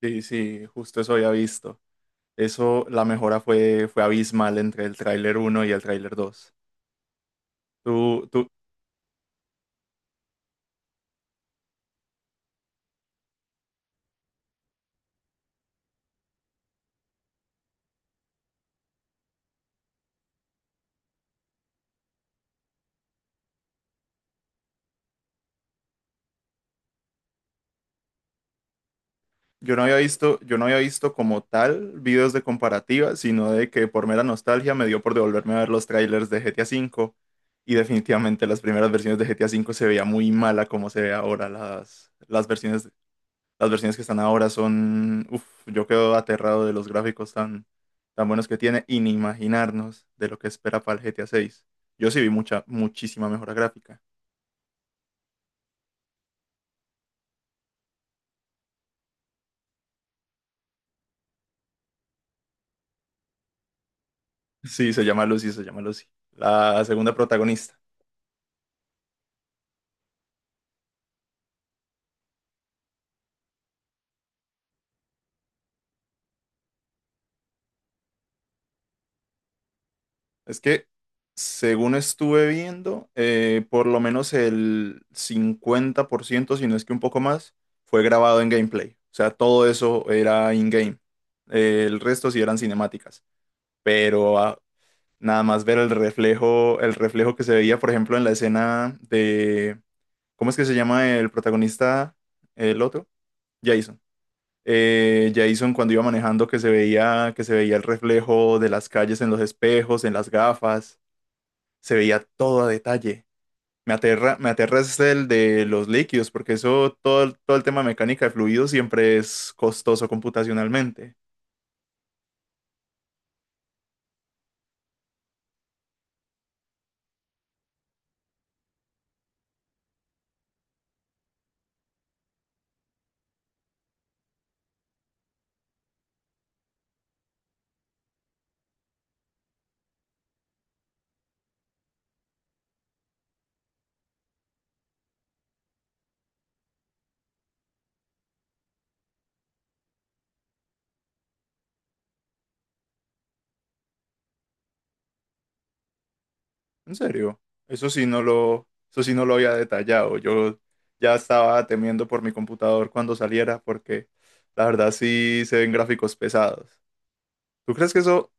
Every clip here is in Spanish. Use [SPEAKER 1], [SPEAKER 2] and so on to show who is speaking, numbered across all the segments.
[SPEAKER 1] Sí, sí, justo eso había visto. Eso, la mejora fue abismal entre el tráiler uno y el tráiler 2. Tú, tú, yo no había visto como tal videos de comparativa, sino de que por mera nostalgia me dio por devolverme a ver los trailers de GTA V. Y definitivamente las primeras versiones de GTA V se veía muy mala como se ve ahora las versiones. Las versiones que están ahora son, uf, yo quedo aterrado de los gráficos tan buenos que tiene, y ni imaginarnos de lo que espera para el GTA 6. Yo sí vi mucha, muchísima mejora gráfica. Sí, se llama Lucy, se llama Lucy. La segunda protagonista. Es que, según estuve viendo, por lo menos el 50% si no es que un poco más, fue grabado en gameplay. O sea, todo eso era in-game. El resto sí eran cinemáticas. Pero ah, nada más ver el reflejo que se veía, por ejemplo, en la escena de, ¿cómo es que se llama el protagonista? El otro, Jason. Jason cuando iba manejando que se veía el reflejo de las calles en los espejos, en las gafas, se veía todo a detalle. Me aterra es el de los líquidos, porque eso, todo, todo el tema de mecánica de fluidos siempre es costoso computacionalmente. En serio, eso sí no lo había detallado. Yo ya estaba temiendo por mi computador cuando saliera porque la verdad sí se ven gráficos pesados. ¿Tú crees que eso,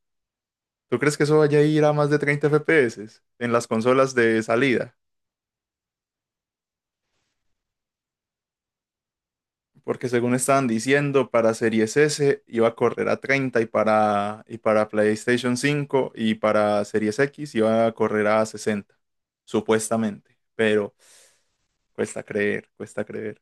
[SPEAKER 1] ¿tú crees que eso vaya a ir a más de 30 FPS en las consolas de salida? Porque según estaban diciendo, para Series S iba a correr a 30 y para PlayStation 5 y para Series X iba a correr a 60, supuestamente. Pero cuesta creer, cuesta creer.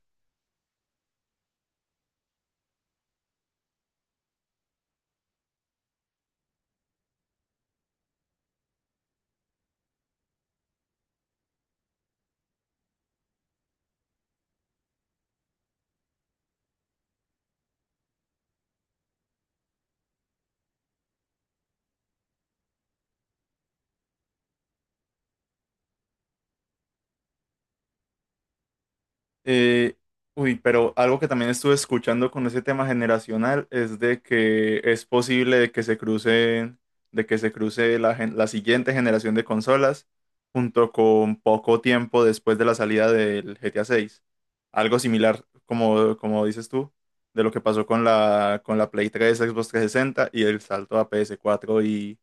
[SPEAKER 1] Eh, uy, pero algo que también estuve escuchando con ese tema generacional es de que es posible de que se crucen, de que se cruce la siguiente generación de consolas junto con poco tiempo después de la salida del GTA 6. Algo similar, como, como dices tú, de lo que pasó con la Play 3, Xbox 360 y el salto a ps cuatro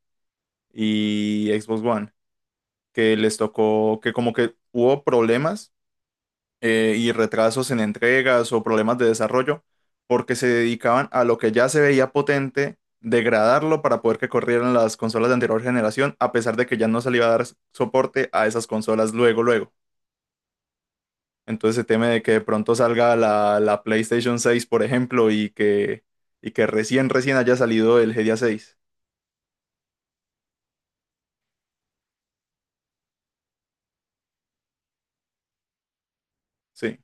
[SPEAKER 1] y Xbox One, que les tocó, que como que hubo problemas, y retrasos en entregas o problemas de desarrollo, porque se dedicaban a lo que ya se veía potente, degradarlo para poder que corrieran las consolas de anterior generación, a pesar de que ya no se le iba a dar soporte a esas consolas luego, luego. Entonces se teme de que de pronto salga la PlayStation seis, por ejemplo, y que recién haya salido el GTA seis. Sí,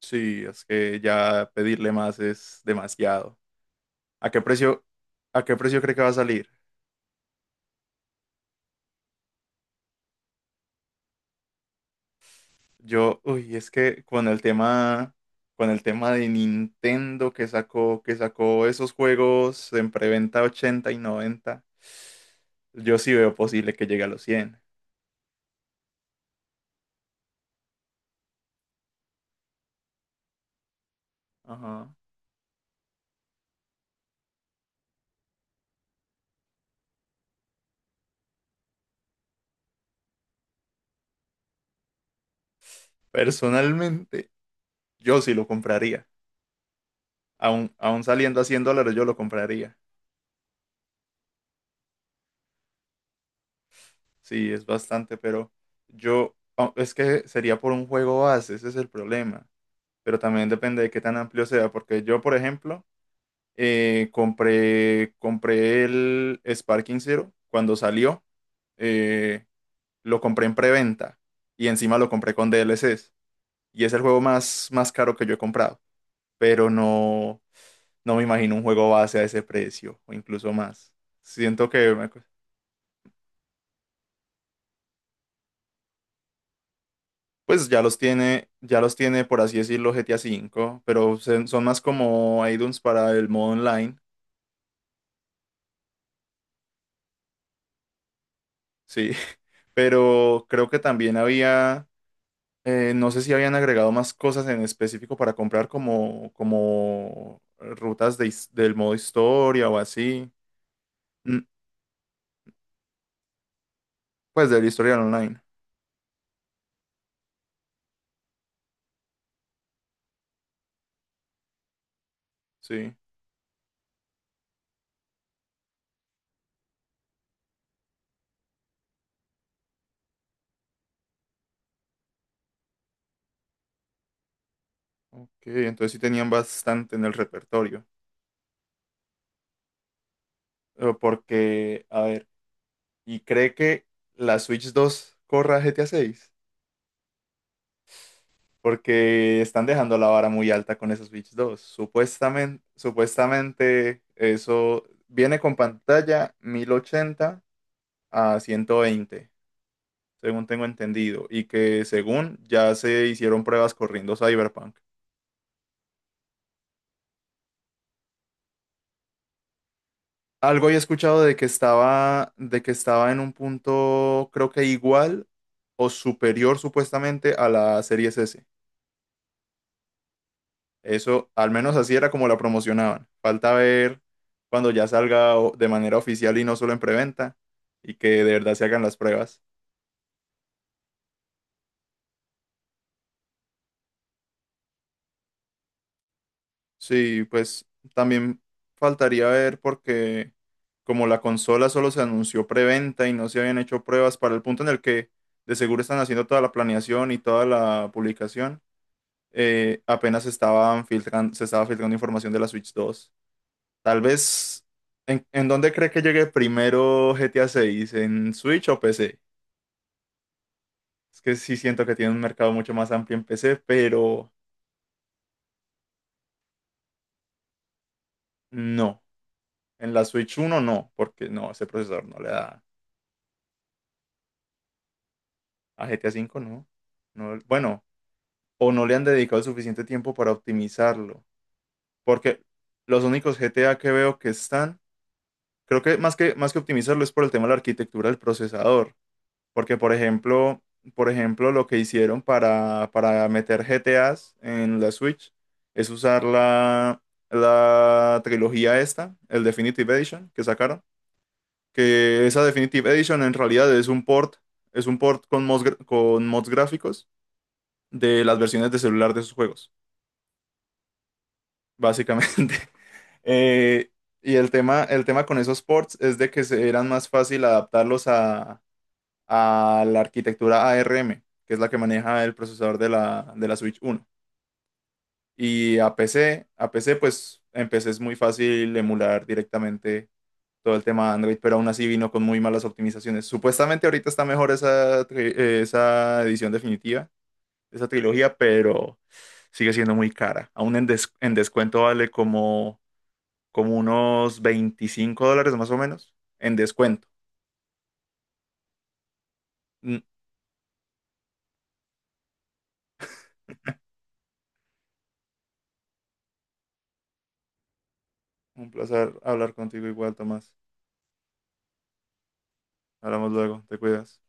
[SPEAKER 1] sí, es que ya pedirle más es demasiado. ¿A qué precio, ¿a qué precio cree que va a salir? Yo, uy, es que con el tema de Nintendo que sacó esos juegos en preventa 80 y noventa, yo sí veo posible que llegue a los cien. Ajá. Personalmente, yo sí lo compraría. Aún saliendo a $100, yo lo compraría. Sí, es bastante, pero yo, es que sería por un juego base, ese es el problema. Pero también depende de qué tan amplio sea, porque yo, por ejemplo, compré el Sparking Zero cuando salió. eh, lo compré en preventa y encima lo compré con DLCs. Y es el juego más caro que yo he comprado. Pero no, no me imagino un juego base a ese precio o incluso más. Siento que me cu- Pues ya los tiene, por así decirlo GTA V, pero son más como add-ons para el modo online. Sí, pero creo que también había. No sé si habían agregado más cosas en específico para comprar como rutas de del modo historia o así. Mm. Pues del historial online. Sí. Ok, entonces sí tenían bastante en el repertorio. Porque, a ver, ¿y cree que la Switch dos corra GTA seis? Porque están dejando la vara muy alta con esa Switch dos. Supuestamente eso viene con pantalla 1080 a ciento veinte, según tengo entendido, y que según ya se hicieron pruebas corriendo Cyberpunk. Algo he escuchado de que estaba en un punto, creo que igual o superior, supuestamente, a la Series S. Eso, al menos así era como la promocionaban. Falta ver cuando ya salga de manera oficial y no solo en preventa, y que de verdad se hagan las pruebas. Sí, pues también faltaría ver porque como la consola solo se anunció preventa y no se habían hecho pruebas para el punto en el que de seguro están haciendo toda la planeación y toda la publicación, apenas estaban filtrando, se estaba filtrando información de la Switch dos. Tal vez, ¿En dónde cree que llegue primero GTA seis? ¿En Switch o PC? Es que sí siento que tiene un mercado mucho más amplio en PC, pero no. En la Switch uno no, porque no, ese procesador no le da. A GTA V no. No, bueno, o no le han dedicado el suficiente tiempo para optimizarlo. Porque los únicos GTA que veo que están, creo que más que optimizarlo es por el tema de la arquitectura del procesador. Porque, por ejemplo, lo que hicieron para meter GTAs en la Switch es usar la trilogía esta, el Definitive Edition que sacaron. Que esa Definitive Edition en realidad es un port con con mods gráficos de las versiones de celular de sus juegos, básicamente. Eh, y el tema con esos ports es de que eran más fácil adaptarlos a la arquitectura ARM, que es la que maneja el procesador de la Switch uno. Y a PC, a PC, pues en PC es muy fácil emular directamente todo el tema de Android, pero aún así vino con muy malas optimizaciones. Supuestamente ahorita está mejor esa edición definitiva, esa trilogía, pero sigue siendo muy cara. Aún en descuento vale como unos $25 más o menos. En descuento. Mm. Un placer hablar contigo igual, Tomás. Hablamos luego, te cuidas.